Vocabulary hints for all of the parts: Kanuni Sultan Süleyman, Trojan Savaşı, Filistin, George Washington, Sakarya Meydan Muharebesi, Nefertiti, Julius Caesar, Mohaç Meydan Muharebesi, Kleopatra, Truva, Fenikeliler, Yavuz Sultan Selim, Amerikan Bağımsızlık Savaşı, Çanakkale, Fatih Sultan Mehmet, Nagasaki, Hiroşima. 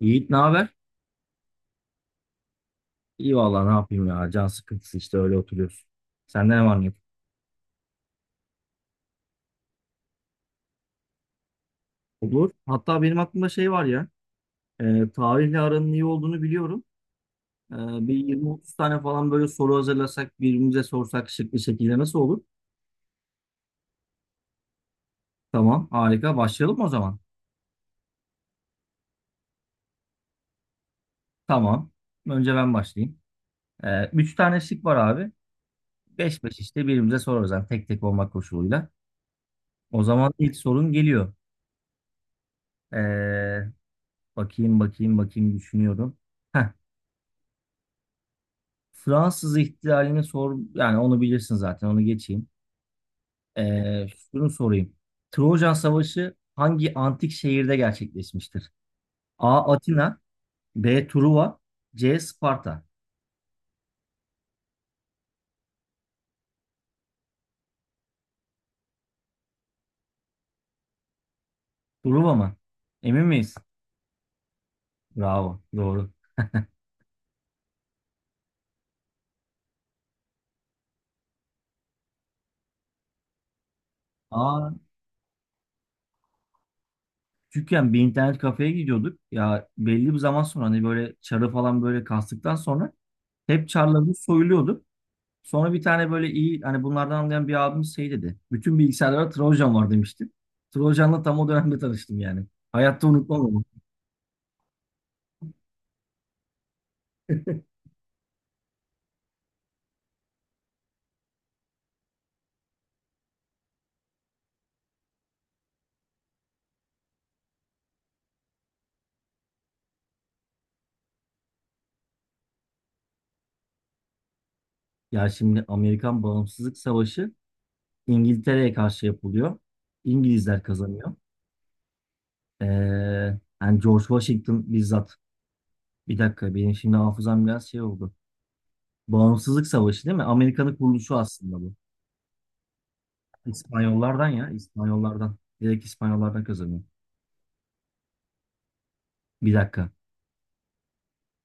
Yiğit ne haber? İyi vallahi ne yapayım ya. Can sıkıntısı işte öyle oturuyoruz. Sende ne var ne yok? Olur. Hatta benim aklımda şey var ya. Tarihle aranın iyi olduğunu biliyorum. E, Bir 20-30 tane falan böyle soru hazırlasak birbirimize sorsak şık bir şekilde nasıl olur? Tamam harika. Başlayalım mı o zaman? Tamam. Önce ben başlayayım. 3 tane şık var abi. Beş beş işte birbirimize sorarız. Yani tek tek olmak koşuluyla. O zaman ilk sorun geliyor. E, bakayım bakayım bakayım düşünüyorum. Heh. Fransız ihtilalini sor yani onu bilirsin zaten onu geçeyim. Şunu sorayım. Trojan Savaşı hangi antik şehirde gerçekleşmiştir? A. Atina B. Truva C. Sparta. Truva mı? Emin miyiz? Bravo. Doğru. Aa, küçükken bir internet kafeye gidiyorduk. Ya belli bir zaman sonra hani böyle çarı falan böyle kastıktan sonra hep çarlarımız soyuluyorduk. Sonra bir tane böyle iyi hani bunlardan anlayan bir abimiz şey dedi. Bütün bilgisayarlara Trojan var demişti. Trojan'la tam o dönemde tanıştım yani. Hayatta unutmam onu. Ya şimdi Amerikan Bağımsızlık Savaşı İngiltere'ye karşı yapılıyor. İngilizler kazanıyor. Ee, yani George Washington bizzat. Bir dakika benim şimdi hafızam biraz şey oldu. Bağımsızlık Savaşı değil mi? Amerika'nın kuruluşu aslında bu. İspanyollardan ya İspanyollardan. Direkt İspanyollardan kazanıyor. Bir dakika.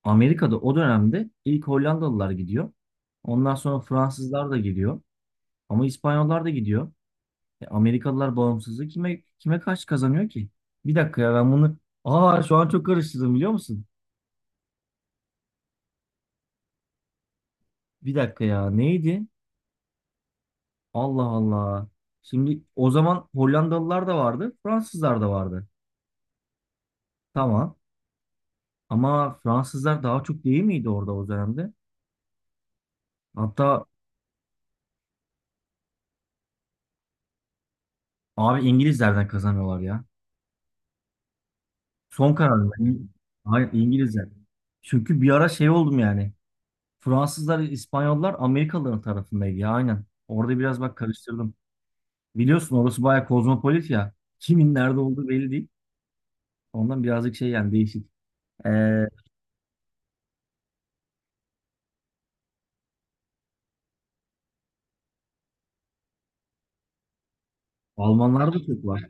Amerika'da o dönemde ilk Hollandalılar gidiyor. Ondan sonra Fransızlar da gidiyor. Ama İspanyollar da gidiyor. Amerikalılar bağımsızlığı kime karşı kazanıyor ki? Bir dakika ya ben bunu... Aa, şu an çok karıştırdım biliyor musun? Bir dakika ya neydi? Allah Allah. Şimdi o zaman Hollandalılar da vardı, Fransızlar da vardı. Tamam. Ama Fransızlar daha çok değil miydi orada o dönemde? Hatta abi İngilizlerden kazanıyorlar ya. Son kararım. Yani, hayır İngilizler. Çünkü bir ara şey oldum yani. Fransızlar, İspanyollar Amerikalıların tarafındaydı ya aynen. Orada biraz bak karıştırdım. Biliyorsun orası bayağı kozmopolit ya. Kimin nerede olduğu belli değil. Ondan birazcık şey yani değişik. Ee, Almanlar da çok var.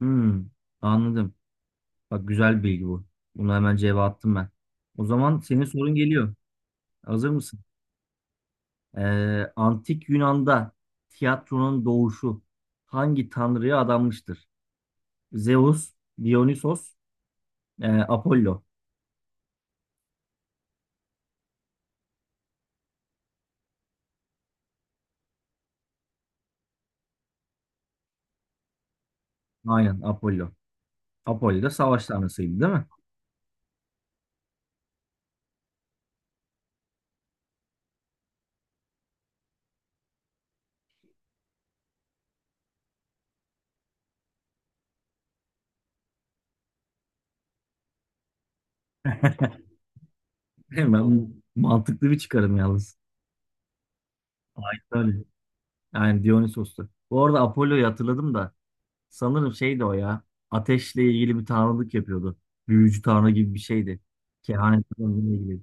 Hmm, anladım. Bak güzel bir bilgi bu. Bunu hemen cevap attım ben. O zaman senin sorun geliyor. Hazır mısın? Antik Yunan'da tiyatronun doğuşu hangi tanrıya adanmıştır? Zeus, Dionysos, Apollo. Aynen Apollo. Apollo da savaş tanrısıydı değil mi? Hemen mantıklı bir çıkarım yalnız. Aynen öyle. Yani Dionysos'tu. Bu arada Apollo'yu hatırladım da sanırım şeydi o ya. Ateşle ilgili bir tanrılık yapıyordu. Büyücü tanrı gibi bir şeydi. Kehanetlerle ilgili.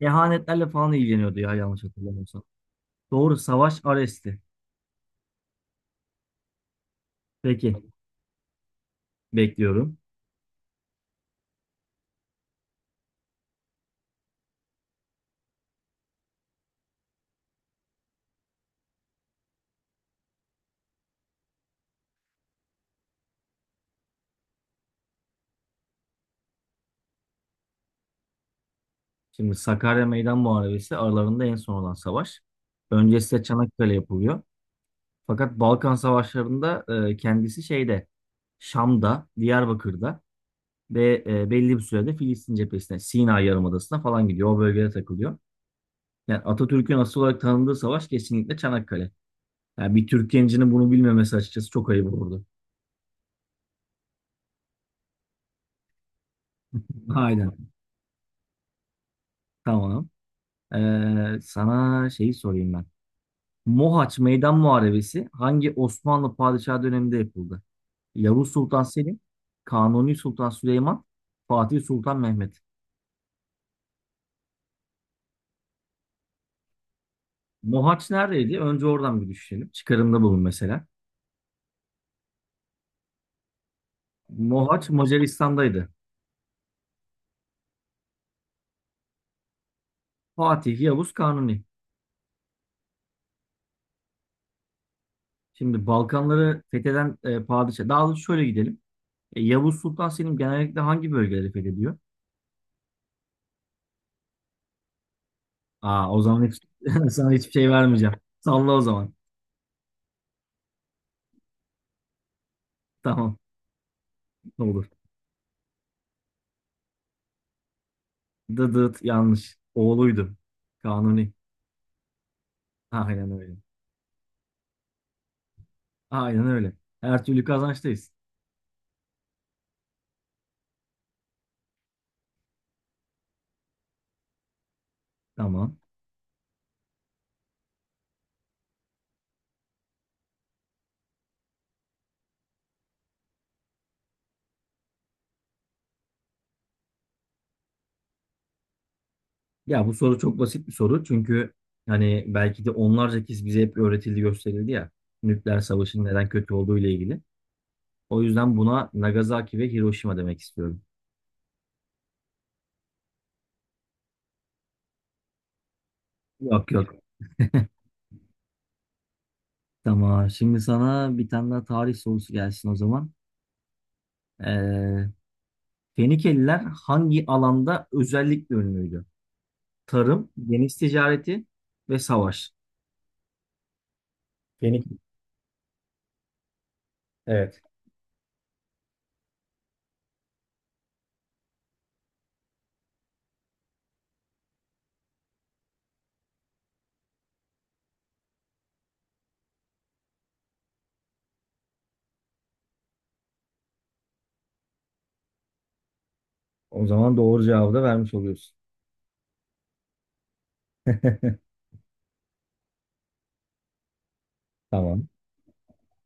Kehanetlerle falan ilgileniyordu ya yanlış hatırlamıyorsam. Doğru savaş Ares'ti. Peki bekliyorum. Şimdi Sakarya Meydan Muharebesi aralarında en son olan savaş. Öncesi de Çanakkale yapılıyor. Fakat Balkan Savaşları'nda kendisi şeyde Şam'da, Diyarbakır'da ve belli bir sürede Filistin cephesine, Sina Yarımadası'na falan gidiyor. O bölgede takılıyor. Yani Atatürk'ün asıl olarak tanındığı savaş kesinlikle Çanakkale. Yani bir Türk gencinin bunu bilmemesi açıkçası çok ayıp olurdu. Aynen. Tamam. Sana şeyi sorayım ben. Mohaç Meydan Muharebesi hangi Osmanlı padişahı döneminde yapıldı? Yavuz Sultan Selim, Kanuni Sultan Süleyman, Fatih Sultan Mehmet. Mohaç neredeydi? Önce oradan bir düşünelim. Çıkarımda bulun mesela. Mohaç Macaristan'daydı. Fatih, Yavuz, Kanuni. Şimdi Balkanları fetheden padişah. Daha doğrusu şöyle gidelim. Yavuz Sultan Selim genellikle hangi bölgeleri fethediyor? Aa, o zaman hiç, sana hiçbir şey vermeyeceğim. Salla o zaman. Tamam, olur. Dıdıt yanlış. Oğluydu. Kanuni. Aynen öyle. Aynen öyle. Her türlü kazançtayız. Tamam. Ya bu soru çok basit bir soru çünkü hani belki de onlarca kez bize hep öğretildi gösterildi ya nükleer savaşın neden kötü olduğu ile ilgili. O yüzden buna Nagasaki ve Hiroşima demek istiyorum. Yok yok. Tamam. Şimdi sana bir tane daha tarih sorusu gelsin o zaman. Ee, Fenikeliler hangi alanda özellikle ünlüydü? Tarım, deniz ticareti ve savaş. Fenik. Evet. O zaman doğru cevabı da vermiş oluyorsun. Tamam.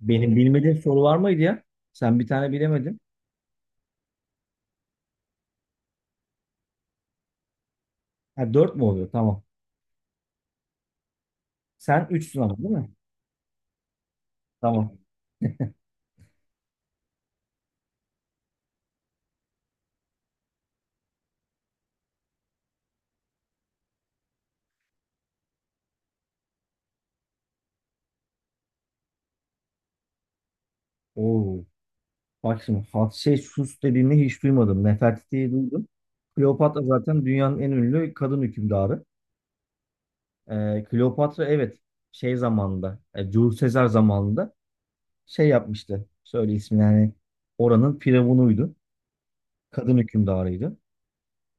Benim bilmediğim soru var mıydı ya? Sen bir tane bilemedin. Ha, 4 mü oluyor? Tamam. Sen 3'sün ama değil mi? Tamam. Oo. Bak şimdi Hat şey Sus dediğini hiç duymadım. Nefertiti'yi duydum. Kleopatra zaten dünyanın en ünlü kadın hükümdarı. Kleopatra evet şey zamanında Julius Caesar zamanında şey yapmıştı. Söyle ismini yani oranın firavunuydu. Kadın hükümdarıydı.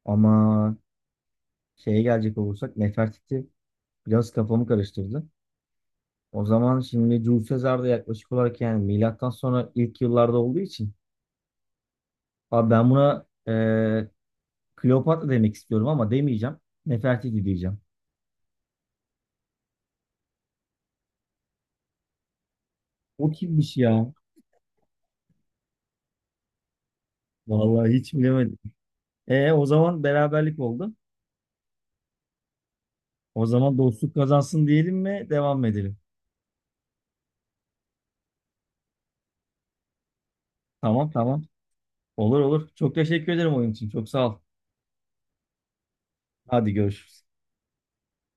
Ama şeye gelecek olursak Nefertiti biraz kafamı karıştırdı. O zaman şimdi Julius Caesar da yaklaşık olarak yani milattan sonra ilk yıllarda olduğu için abi ben buna Kleopatra demek istiyorum ama demeyeceğim. Nefertiti diyeceğim. O kimmiş ya? Vallahi hiç bilemedim. E o zaman beraberlik oldu. O zaman dostluk kazansın diyelim mi? Devam mı edelim? Tamam tamam. Olur olur. Çok teşekkür ederim oyun için. Çok sağ ol. Hadi görüşürüz.